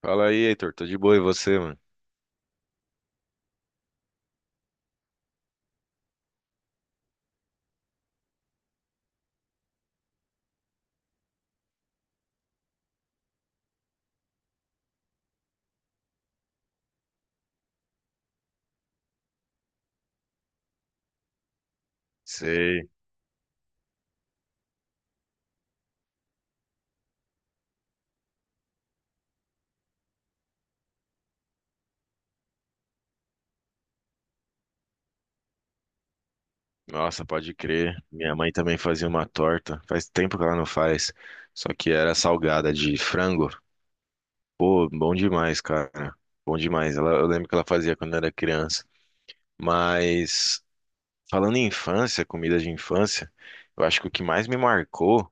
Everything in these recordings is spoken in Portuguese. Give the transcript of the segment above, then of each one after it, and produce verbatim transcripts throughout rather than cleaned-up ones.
Fala aí, Heitor. Tô de boa, e você, mano? Sei. Nossa, pode crer. Minha mãe também fazia uma torta. Faz tempo que ela não faz. Só que era salgada de frango. Pô, bom demais, cara. Bom demais. Ela, eu lembro que ela fazia quando era criança. Mas, falando em infância, comida de infância, eu acho que o que mais me marcou,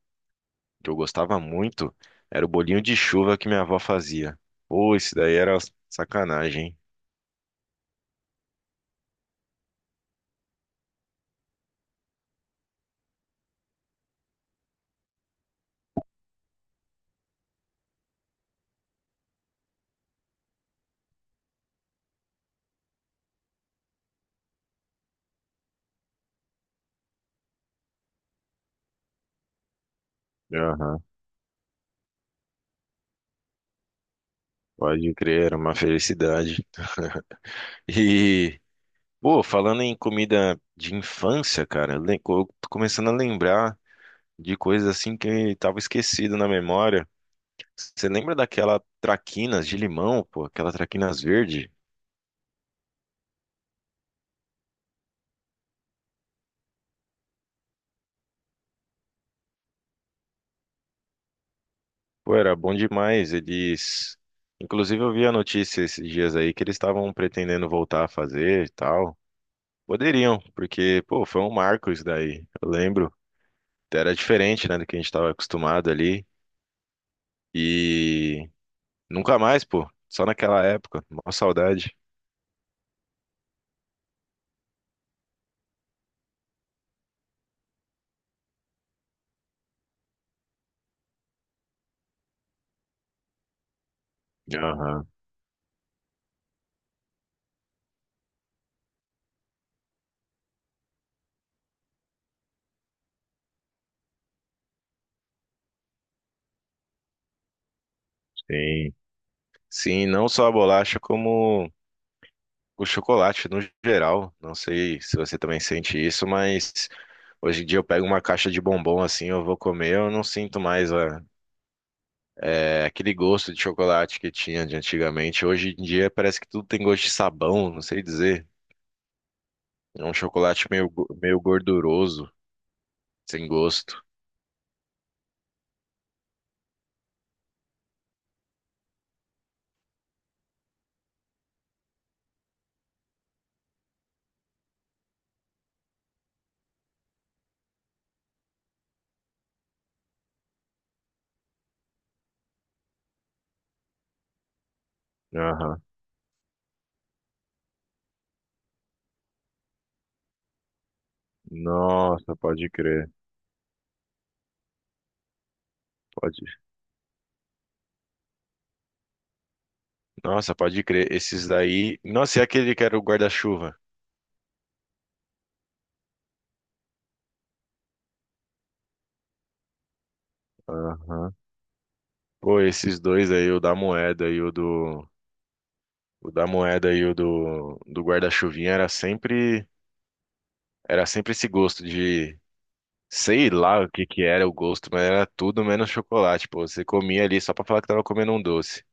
que eu gostava muito, era o bolinho de chuva que minha avó fazia. Pô, isso daí era sacanagem, hein? Aham, pode crer, era uma felicidade. E, pô, falando em comida de infância, cara, le- co- eu tô começando a lembrar de coisas assim que tava esquecido na memória. Você lembra daquela traquinas de limão, pô, aquela traquinas verde? Pô, era bom demais. Eles, inclusive, eu vi a notícia esses dias aí que eles estavam pretendendo voltar a fazer e tal. Poderiam, porque, pô, foi um marco isso daí. Eu lembro. Era diferente, né, do que a gente tava acostumado ali. E nunca mais, pô. Só naquela época. Mó saudade. Aham, sim. Sim, não só a bolacha, como o chocolate no geral. Não sei se você também sente isso, mas hoje em dia eu pego uma caixa de bombom assim, eu vou comer, eu não sinto mais a- é, aquele gosto de chocolate que tinha de antigamente. Hoje em dia parece que tudo tem gosto de sabão, não sei dizer. É um chocolate meio, go- meio gorduroso, sem gosto. Aham. Nossa, pode crer. Pode Nossa, pode crer. Esses daí. Nossa, e aquele que era o guarda-chuva? Aham. Pô, esses dois aí, o da moeda e o do. O da moeda e o do, do guarda-chuvinha era sempre. Era sempre esse gosto de. Sei lá o que que era o gosto, mas era tudo menos chocolate, pô. Você comia ali só pra falar que tava comendo um doce.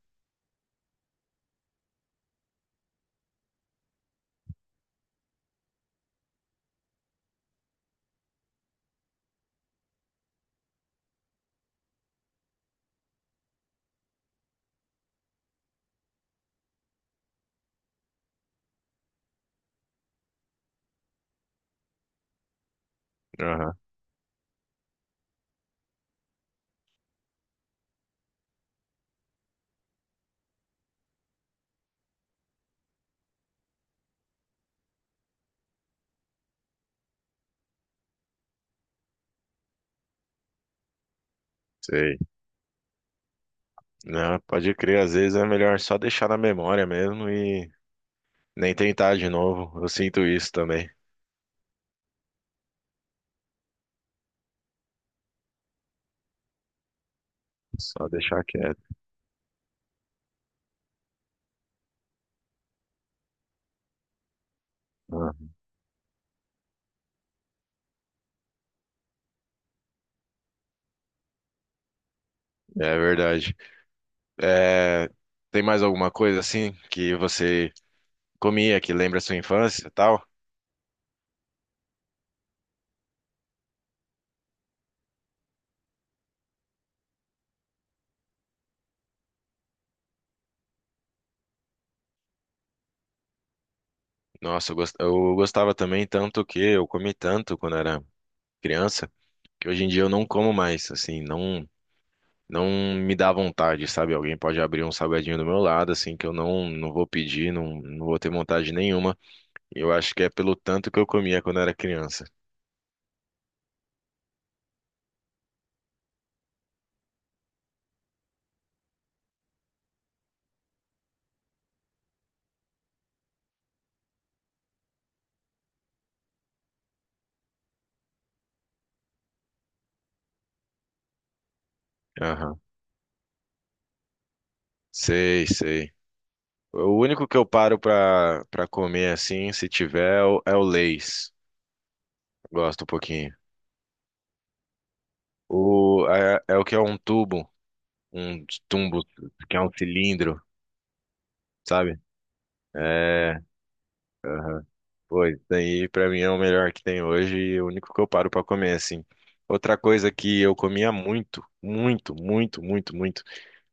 Aham, sei. Não, pode crer, às vezes é melhor só deixar na memória mesmo e nem tentar de novo. Eu sinto isso também. Só deixar quieto. Ah, é verdade. É, tem mais alguma coisa assim que você comia que lembra a sua infância e tal? Nossa, eu gos- eu gostava também tanto que eu comi tanto quando era criança, que hoje em dia eu não como mais, assim, não não me dá vontade, sabe? Alguém pode abrir um salgadinho do meu lado, assim, que eu não não vou pedir, não, não vou ter vontade nenhuma. Eu acho que é pelo tanto que eu comia quando era criança. Aham. Sei, sei. O único que eu paro pra, pra comer assim, se tiver, é o é o Lay's. Gosto um pouquinho. O, é, é o que é um tubo, um tumbo que é um cilindro, sabe? É, pô, isso daí pra mim é o melhor que tem hoje e o único que eu paro pra comer, assim. Outra coisa que eu comia muito, muito, muito, muito, muito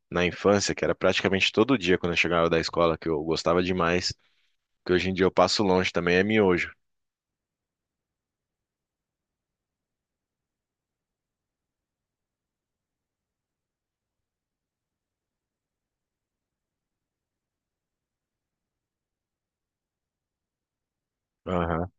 na infância, que era praticamente todo dia quando eu chegava da escola, que eu gostava demais, que hoje em dia eu passo longe também, é miojo. Aham,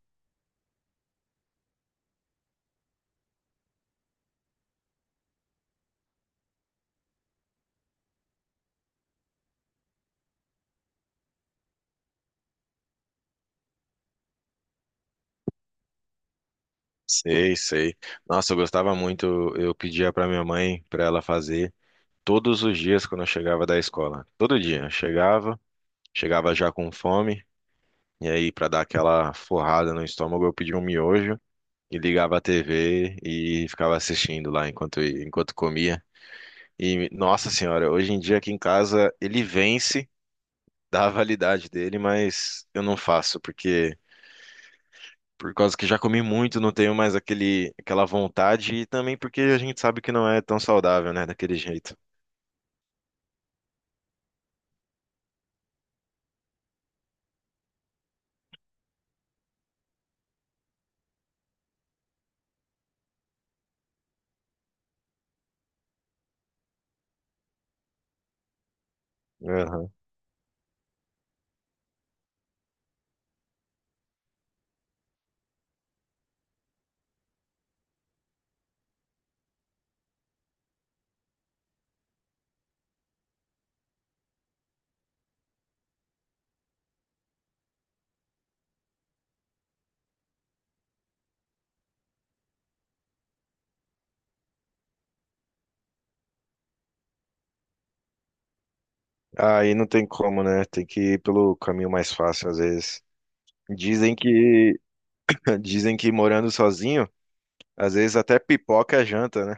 sei, sei. Nossa, eu gostava muito, eu pedia pra minha mãe, pra ela fazer todos os dias quando eu chegava da escola. Todo dia. Eu chegava, Chegava já com fome, e aí, pra dar aquela forrada no estômago, eu pedia um miojo e ligava a T V e ficava assistindo lá enquanto, enquanto comia. E, nossa senhora, hoje em dia aqui em casa ele vence da validade dele, mas eu não faço, porque por causa que já comi muito, não tenho mais aquele, aquela vontade, e também porque a gente sabe que não é tão saudável, né, daquele jeito. Aham. Aí não tem como, né? Tem que ir pelo caminho mais fácil, às vezes. Dizem que Dizem que morando sozinho, às vezes até pipoca é janta, né?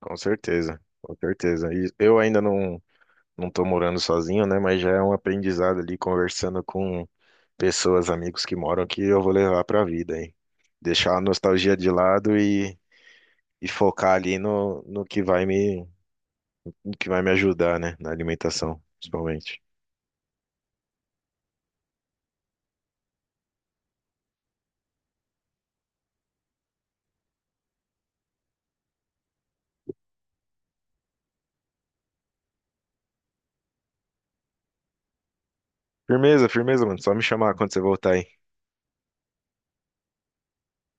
Com certeza, com certeza. E eu ainda não, não tô morando sozinho, né? Mas já é um aprendizado ali conversando com pessoas, amigos que moram aqui, eu vou levar pra vida, hein? Deixar a nostalgia de lado e, e focar ali no, no que vai me, no que vai me ajudar, né? Na alimentação, principalmente. Firmeza, firmeza, mano. Só me chamar quando você voltar, hein?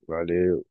Valeu.